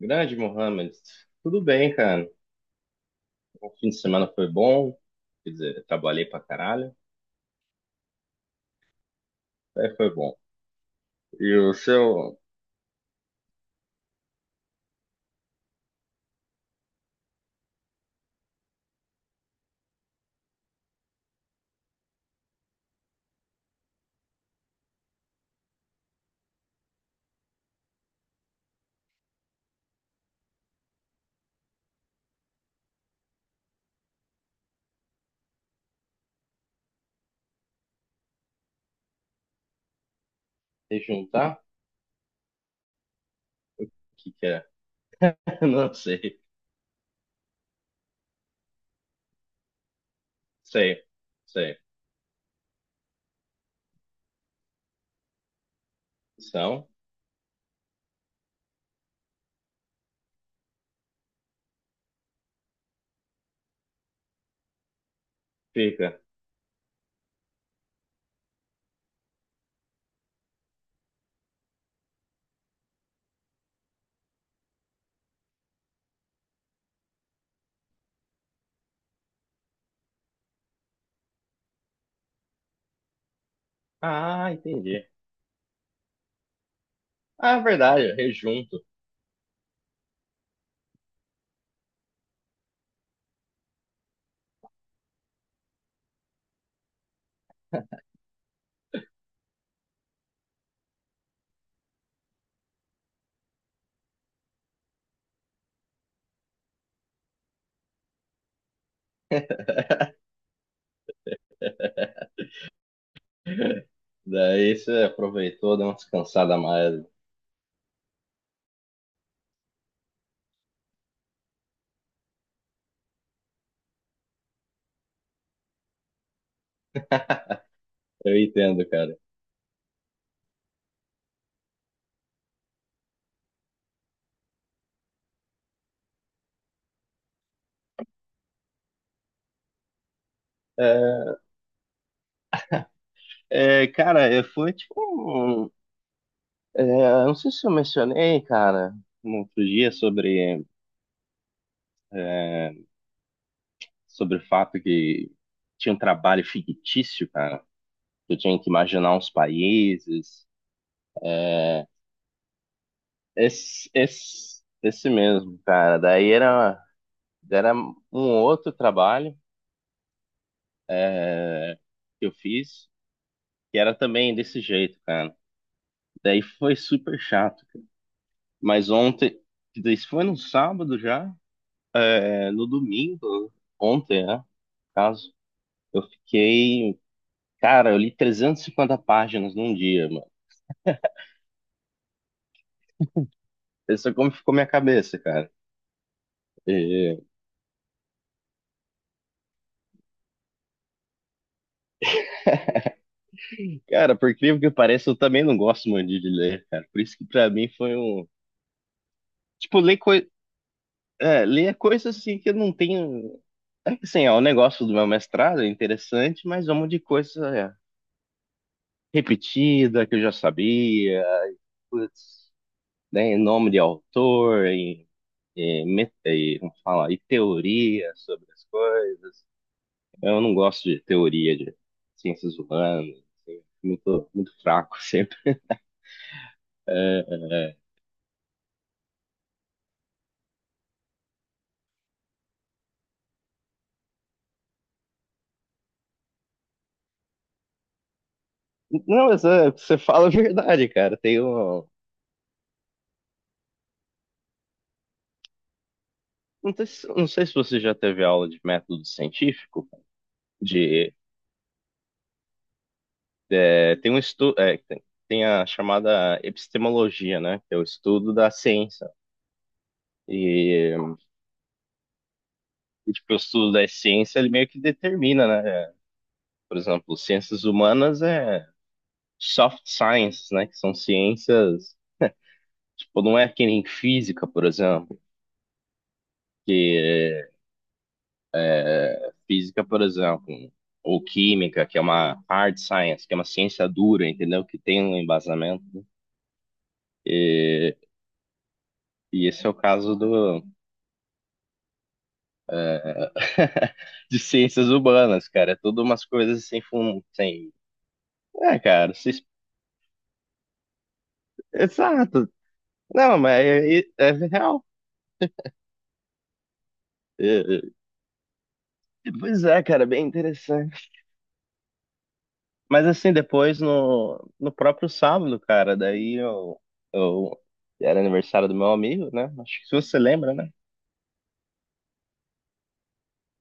Grande, Mohamed. Tudo bem, cara. O fim de semana foi bom. Quer dizer, eu trabalhei pra caralho. Aí foi bom. E o seu rejuntar? O que que é? Não sei. Sei. Sei. São. Fica. Ah, entendi. Ah, verdade. Rejunto. Daí você aproveitou, deu uma descansada a mais. Eu entendo, cara. É, é, cara, foi tipo. É, eu não sei se eu mencionei, cara, no outro dia sobre, é, sobre o fato que tinha um trabalho fictício, cara. Que eu tinha que imaginar uns países. Esse mesmo, cara. Daí era um outro trabalho é, que eu fiz, que era também desse jeito, cara. Daí foi super chato. Mas ontem, isso foi no sábado já, é, no domingo, ontem, né? No caso, eu fiquei. Cara, eu li 350 páginas num dia, mano. Pensa como ficou minha cabeça, cara. E, cara, por incrível que pareça, eu também não gosto muito de ler, cara. Por isso que pra mim foi um. Tipo, ler coisas assim que eu não tenho. É que assim, é o negócio do meu mestrado, é interessante, mas é um monte de coisa repetida que eu já sabia, putz, né, em nome de autor, e, como fala, e teoria sobre as coisas. Eu não gosto de teoria de ciências humanas, assim, muito, muito fraco sempre. É. Não, mas é, você fala é verdade, cara. Tem um. Não sei, não sei se você já teve aula de método científico, de é, tem um estudo, tem a chamada epistemologia, né? Que é o estudo da ciência. E, e, tipo, o estudo da ciência, ele meio que determina, né? Por exemplo, ciências humanas é soft science, né? Que são ciências. Tipo, não é que nem física, por exemplo. Física, por exemplo, ou química, que é uma hard science, que é uma ciência dura, entendeu? Que tem um embasamento, né? E, e esse é o caso do, de ciências humanas, cara. É tudo umas coisas sem fundo, sem... É, cara, exato. Não, mas é, é real. É, é. Pois é, cara, bem interessante. Mas assim, depois no, próprio sábado, cara, daí eu era aniversário do meu amigo, né? Acho que você lembra, né?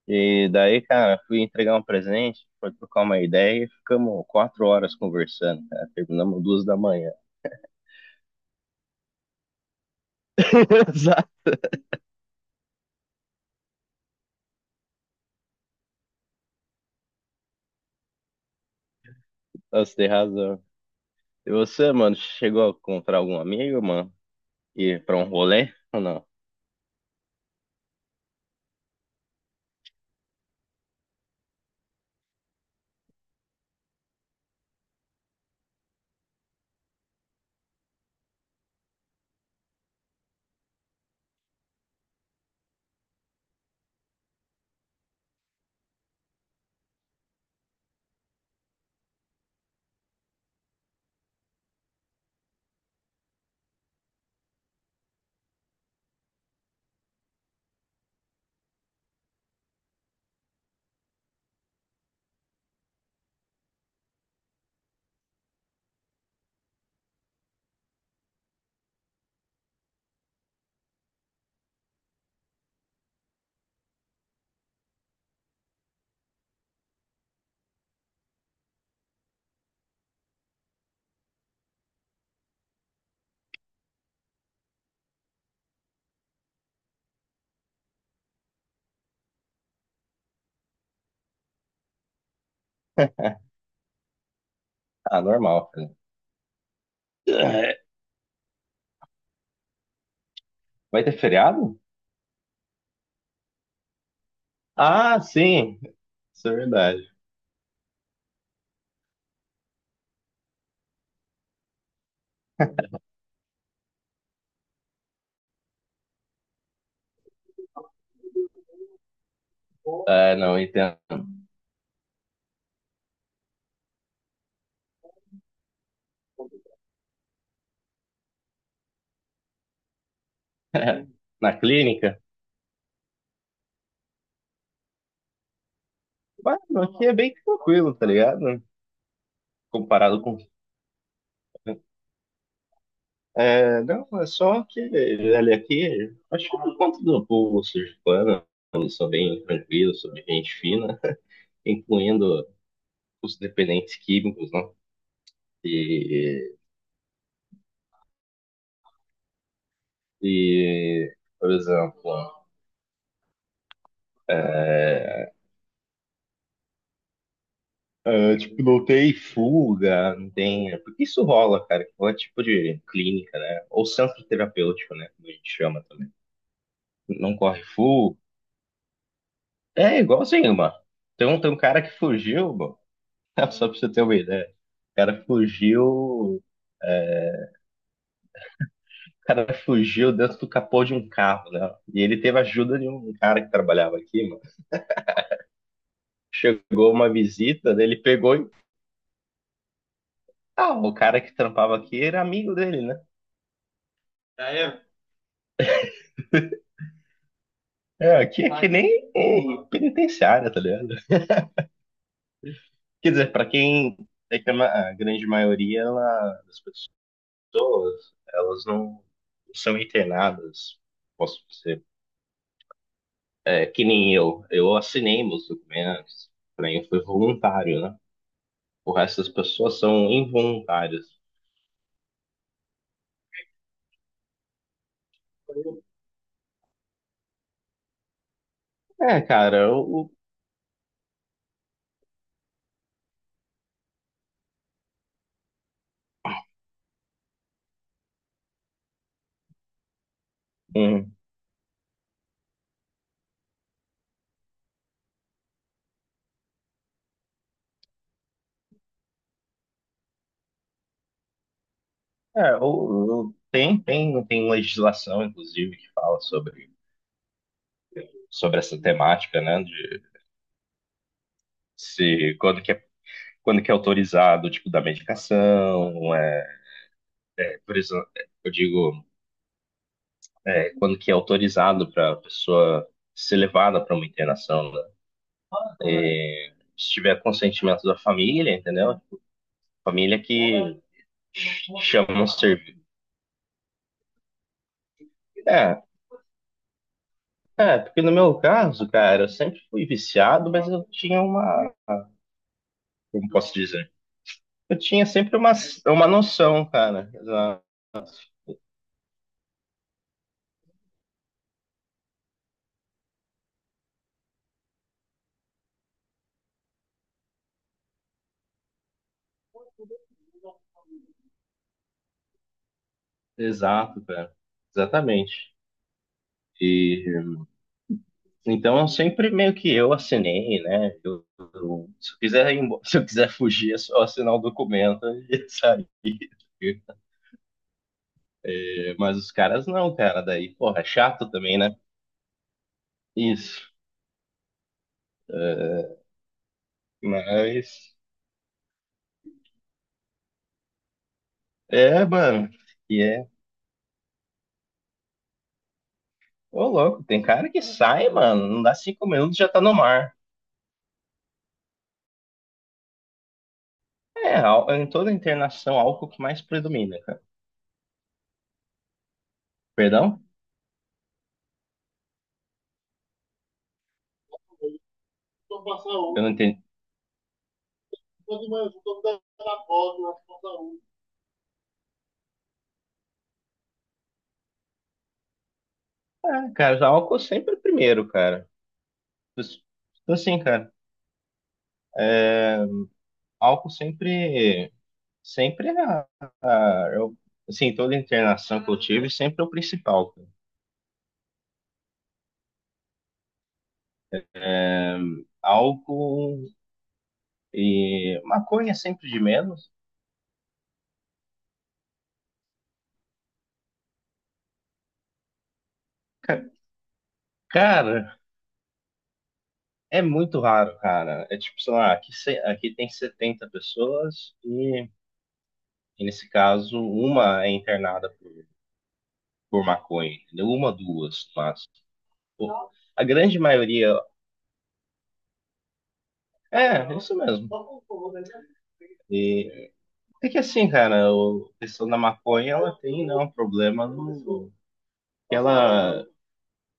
E daí, cara, fui entregar um presente, foi trocar uma ideia e ficamos 4 horas conversando, cara. Terminamos 2 da manhã. Exato. Você tem razão. E você, mano, chegou a encontrar algum amigo, mano? Ir pra um rolê ou não? Ah, normal, cara. Vai ter feriado? Ah, sim, isso é verdade. É, não, entendo. Na clínica. Mano, aqui é bem tranquilo, tá ligado? Comparado com. É, não, é só que, ele aqui, acho que por conta do povo sergipano, eles são bem tranquilos, são bem gente fina, incluindo os dependentes químicos, né? E, e, por exemplo, eu, tipo, não tem fuga, não tem. Porque isso rola, cara, que é tipo de clínica, né? Ou centro terapêutico, né? Como a gente chama também. Não corre fuga. É igualzinho, mano. Tem um cara que fugiu, mano. Só pra você ter uma ideia. O cara fugiu. O cara fugiu dentro do capô de um carro, né? E ele teve a ajuda de um cara que trabalhava aqui, mano. Chegou uma visita, né? Ele pegou e. Ah, o cara que trampava aqui era amigo dele, né? Ah, é? É, aqui é que ai, nem penitenciária, tá ligado? Quer dizer, pra quem. É que a grande maioria das pessoas, elas não são internadas, posso que nem eu. Eu assinei meus documentos, pra mim foi voluntário, né? O resto das pessoas são involuntárias. É, cara, eu, hum, é, tem legislação, inclusive, que fala sobre essa temática, né? De se, quando que é autorizado o tipo da medicação, é, por isso, eu digo, é, quando que é autorizado para a pessoa ser levada para uma internação, né? E, se tiver consentimento da família, entendeu? Família que chama um serviço. É, é, porque no meu caso, cara, eu sempre fui viciado, mas eu tinha uma. Como posso dizer? Eu tinha sempre uma noção, cara. Exato, cara. Exatamente. E então eu sempre meio que eu assinei, né? Eu- se eu quiser ir embo- se eu quiser fugir, é só assinar o documento e sair. É, mas os caras não, cara. Daí, porra, é chato também, né? Isso. É, mas. É, mano. E é. Ô, louco, tem cara que sai, mano. Não dá 5 minutos já tá no mar. É, em toda internação, álcool que mais predomina, cara. Perdão? Eu não entendi. É, cara, já álcool sempre é primeiro, cara. Então, assim, cara, álcool sempre. Sempre é a, eu, assim, toda internação que eu tive sempre é o principal, cara. Álcool e maconha é sempre de menos. Ca- Cara, é muito raro, cara. É tipo, sei lá, aqui, aqui tem 70 pessoas e nesse caso, uma é internada por maconha, entendeu? Uma, duas, mas a grande maioria. É, é isso mesmo. E, é que assim, cara, a questão da maconha, ela tem, né, um problema no, que ela,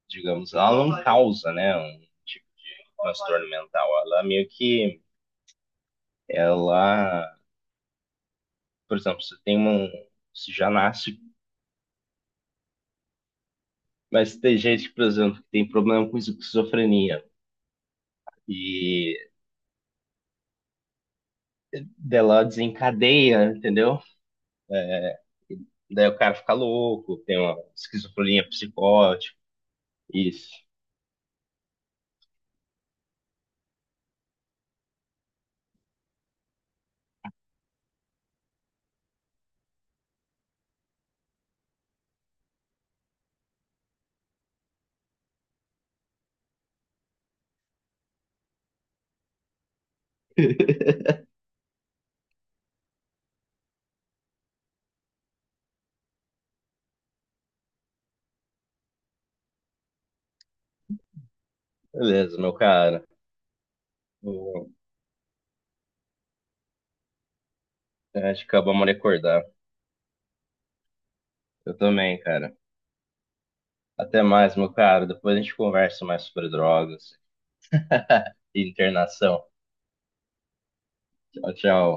digamos, ela não causa, né, um tipo de transtorno mental. Ela meio que, ela, por exemplo, você tem um, você já nasce. Mas tem gente, por exemplo, que tem problema com esquizofrenia. E dela desencadeia, entendeu? Daí o cara fica louco, tem uma esquizofrenia psicótica. Isso. Beleza, meu cara. Eu- Acho que acabamos de acordar. Eu também, cara. Até mais, meu cara. Depois a gente conversa mais sobre drogas e internação. Tchau, tchau.